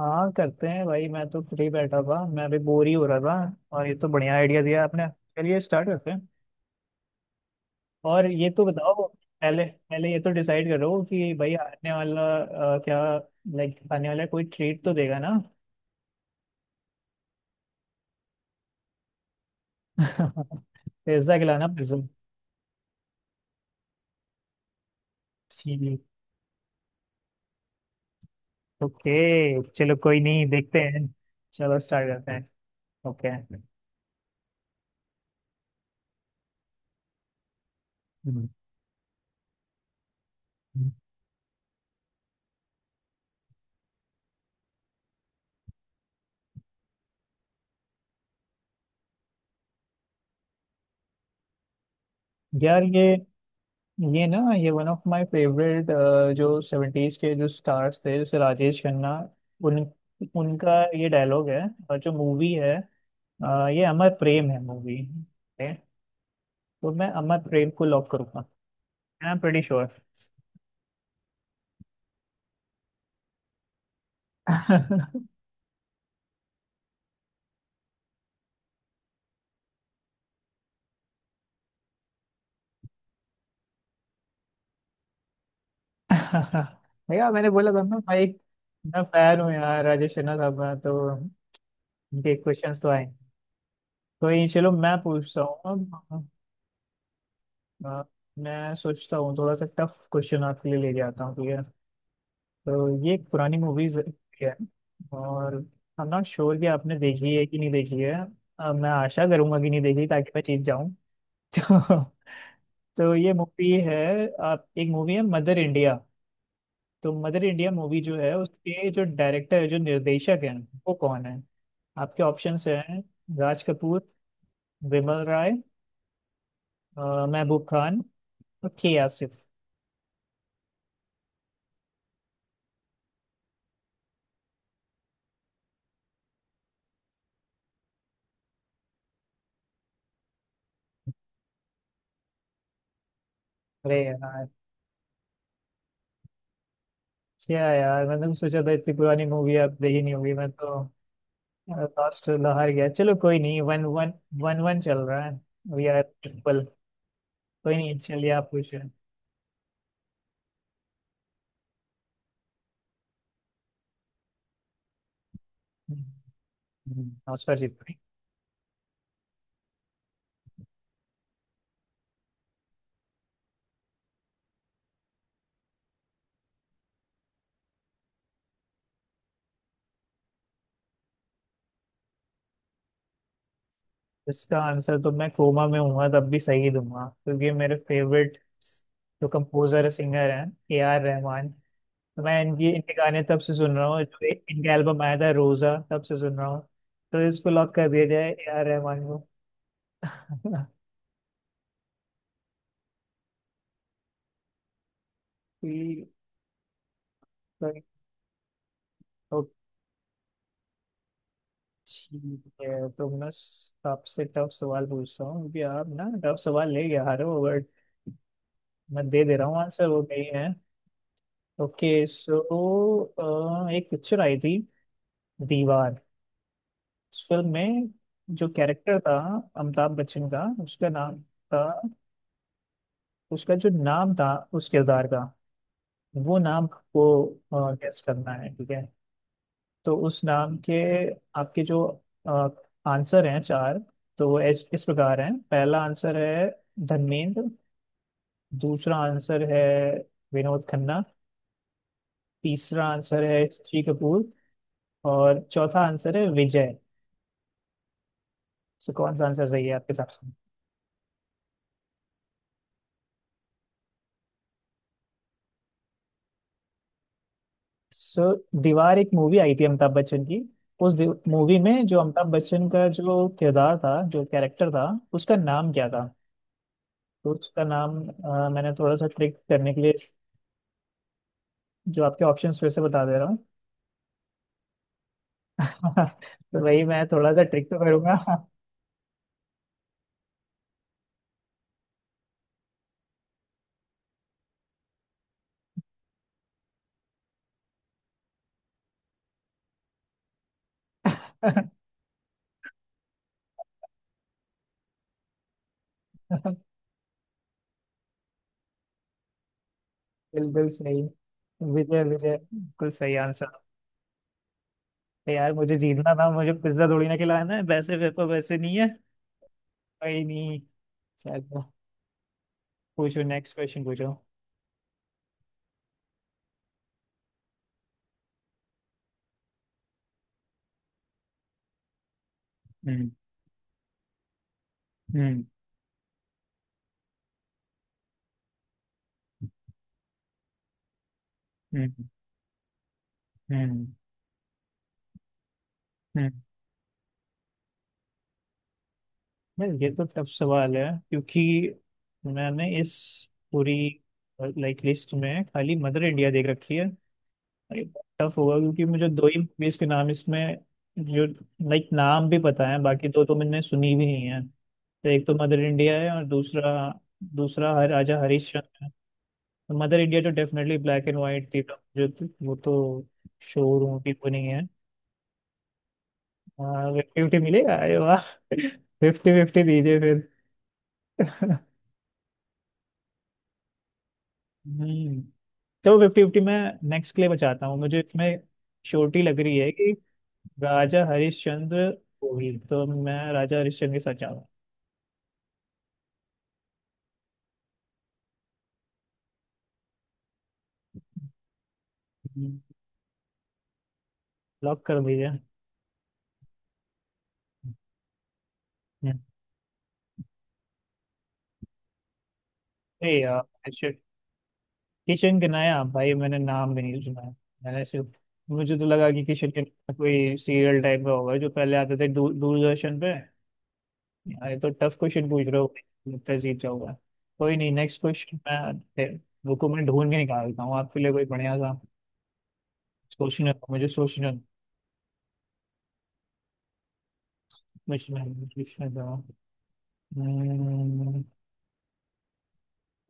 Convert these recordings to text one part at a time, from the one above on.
हाँ, करते हैं भाई। मैं तो फ्री बैठा था, मैं अभी बोर ही हो रहा था और ये तो बढ़िया आइडिया दिया आपने। चलिए स्टार्ट करते हैं। और ये तो बताओ, पहले पहले ये तो डिसाइड करो कि भाई आने वाला क्या। लाइक आने वाला कोई ट्रीट तो देगा ना? पिज्जा खिलाना, पिज्जा। ठीक। ओके, चलो, कोई नहीं, देखते हैं। चलो स्टार्ट करते हैं। ओके। यार, ये ना ये वन ऑफ माय फेवरेट। जो सेवेंटीज के जो स्टार्स थे जैसे राजेश खन्ना, उन उनका ये डायलॉग है। और जो मूवी है, ये अमर प्रेम है मूवी। तो मैं अमर प्रेम को लॉक करूंगा। I am pretty sure. भैया, मैंने बोला था ना भाई। मैं फैन हूँ यार राजेश खन्ना साहब का, तो उनके क्वेश्चंस तो आए। तो ये, चलो मैं पूछता हूँ अब। अ, मैं सोचता हूँ थोड़ा सा टफ क्वेश्चन आपके लिए लेके आता हूँ, ठीक है। तो ये एक पुरानी मूवीज है। और आई एम नॉट श्योर कि आपने देखी है कि नहीं देखी है। मैं आशा करूंगा कि नहीं देखी ताकि मैं जीत जाऊं। तो, तो ये मूवी है। आप, एक मूवी है मदर इंडिया। तो मदर इंडिया मूवी जो है उसके जो डायरेक्टर है जो निर्देशक है, वो कौन है? आपके ऑप्शंस हैं: राज कपूर, विमल राय, महबूब खान और के आसिफ। अरे यार, क्या यार, मैंने तो सोचा था इतनी पुरानी मूवी आप देखी नहीं होगी, मैं तो। लास्ट तो हार गया, चलो कोई नहीं, वन वन। वन वन चल रहा है। We are triple. कोई नहीं, चलिए आप पूछिए। नमस्कार जीत भाई। इसका आंसर तो मैं कोमा में हूँ तब भी सही दूंगा, क्योंकि मेरे फेवरेट जो कंपोजर सिंगर हैं, ए आर रहमान। तो मैं इनकी इनके गाने तब से सुन रहा हूँ, जो इनका एल्बम आया था रोजा, तब से सुन रहा हूँ। तो इसको लॉक कर दिया जाए, ए आर रहमान को। ठीक, ठीक है, तो मैं आपसे टफ सवाल पूछता हूँ, क्योंकि आप ना टफ सवाल ले गया हारे हो, बट मैं दे दे रहा हूँ आंसर, वो नहीं है। ओके, सो एक पिक्चर आई थी, दीवार। उस फिल्म में जो कैरेक्टर था अमिताभ बच्चन का, उसका नाम था। उसका जो नाम था उस किरदार का, वो नाम को गेस करना है, ठीक है। तो उस नाम के आपके जो आंसर हैं चार, तो वो इस प्रकार हैं: पहला आंसर है धर्मेंद्र, दूसरा आंसर है विनोद खन्ना, तीसरा आंसर है ऋषि कपूर और चौथा आंसर है विजय। सो कौन सा आंसर सही है आपके हिसाब से? सो दीवार एक मूवी आई थी अमिताभ बच्चन की, उस मूवी में जो अमिताभ बच्चन का जो किरदार था जो कैरेक्टर था, उसका नाम क्या था? तो उसका नाम, मैंने थोड़ा सा ट्रिक करने के लिए जो आपके ऑप्शंस फिर से बता दे रहा हूँ। तो वही मैं थोड़ा सा ट्रिक तो करूंगा। बिल्कुल सही। विजय विजय, बिल्कुल सही आंसर। तो यार मुझे जीतना था, मुझे पिज्जा थोड़ी ना खिलाना है, वैसे पेपर वैसे नहीं है। कोई नहीं, चलो पूछो, नेक्स्ट क्वेश्चन पूछो। हम्म, हम्म, हम्म, हम्म, हम्म। मैं, ये तो टफ सवाल है, क्योंकि मैंने इस पूरी लाइक लिस्ट में खाली मदर इंडिया देख रखी है। अरे, टफ होगा क्योंकि मुझे दो ही मूवीज के नाम इसमें जो लाइक नाम भी पता है, बाकी दो तो मैंने सुनी भी नहीं है। तो एक तो मदर इंडिया है और दूसरा दूसरा हर राजा हरिश्चंद्र है। तो मदर इंडिया तो डेफिनेटली ब्लैक एंड वाइट थी, तो वो तो शोरूम की वो नहीं है। फिफ्टी फिफ्टी मिलेगा? अरे वाह, फिफ्टी फिफ्टी दीजिए फिर। हम्म, चलो फिफ्टी फिफ्टी मैं नेक्स्ट के लिए बचाता हूँ, मुझे इसमें श्योरिटी लग रही है कि राजा हरिश्चंद्र गोहिल, तो मैं राजा हरिश्चंद्र के साथ जाऊंगा। लॉक कर दीजिए। अरे यार, किशन किशन के नया भाई, मैंने नाम भी नहीं सुना है। मैंने सिर्फ मुझे तो लगा कि किशन के नाया कोई सीरियल टाइप का होगा जो पहले आते थे दूरदर्शन पे। यार, ये तो टफ क्वेश्चन पूछ रहे हो, लगता है जीत जाऊंगा। कोई नहीं, नेक्स्ट क्वेश्चन। मैं बुक को मैं ढूंढ के निकालता हूँ आपके लिए कोई बढ़िया सा। सोचने दो, मुझे सोचने दो, मुझे सोचने दो।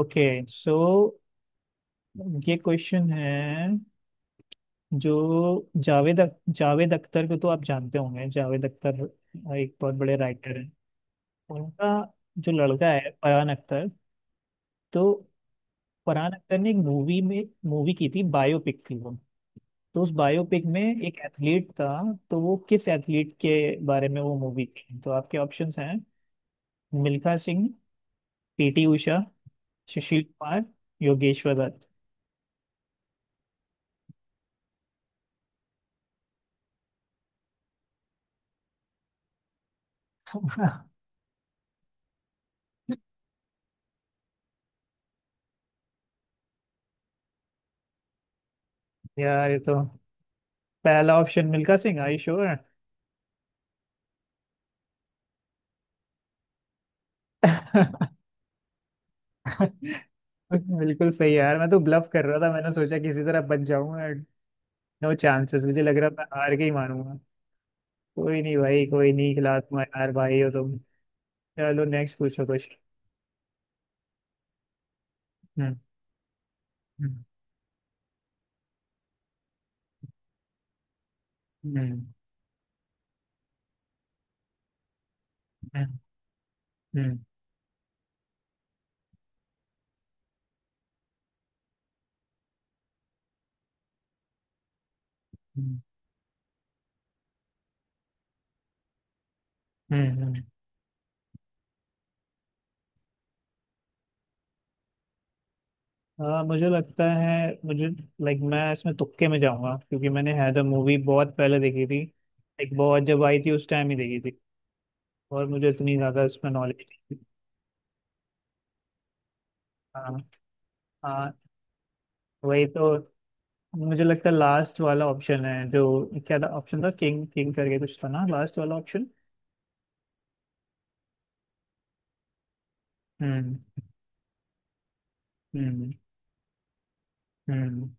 ओके, सो ये क्वेश्चन है। जो जावेद अख्तर को तो आप जानते होंगे, जावेद अख्तर एक बहुत बड़े राइटर हैं। उनका जो लड़का है फरहान अख्तर, तो फरहान अख्तर ने एक मूवी में मूवी की थी, बायोपिक थी वो। तो उस बायोपिक में एक एथलीट था। तो वो किस एथलीट के बारे में वो मूवी थी? तो आपके ऑप्शंस हैं: मिल्खा सिंह, पीटी उषा, सुशील कुमार, योगेश्वर दत्त। यार, ये तो पहला option Milkha Singh, I sure. बिल्कुल सही है यार, मैं तो ब्लफ कर रहा था, मैंने सोचा किसी तरह बच जाऊंगा। नो चांसेस, मुझे लग रहा था हार के ही मानूंगा। कोई नहीं भाई, कोई नहीं, खिला, तुम्हारे यार भाई हो तुम। चलो नेक्स्ट पूछो कुछ। हम्म, हम्म, हम्म, हम्म, हम्म, हम्म, हम्म। हाँ, मुझे लगता है मुझे, लाइक मैं इसमें तुक्के में जाऊंगा, क्योंकि मैंने हैदर मूवी बहुत पहले देखी थी। एक बहुत, जब आई थी उस टाइम ही देखी थी। और मुझे इतनी ज्यादा इसमें नॉलेज नहीं थी। हाँ हाँ, वही तो, मुझे लगता है लास्ट वाला ऑप्शन है जो। क्या था ऑप्शन, था किंग किंग करके कुछ था ना, लास्ट वाला ऑप्शन। हम्म, हम्म, हम्म।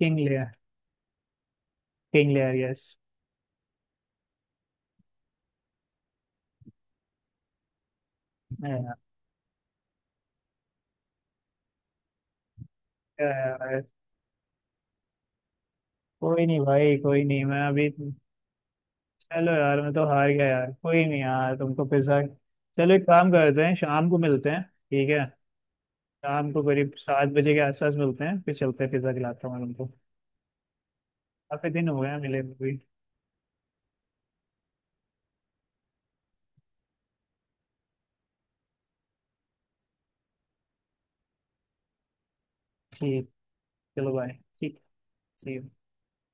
King Lear. King Lear, yes. कोई नहीं भाई, कोई नहीं, मैं अभी। चलो यार मैं तो हार गया यार, कोई नहीं यार, तुमको पैसा। चलो, एक काम करते हैं, शाम को मिलते हैं, ठीक है। शाम को करीब 7 बजे के आसपास मिलते हैं, फिर चलते हैं, पिज्ज़ा खिलाता हूँ मैं तुमको। काफी दिन हो गया मिले हुए भी। ठीक। चलो बाय। ठीक। See you.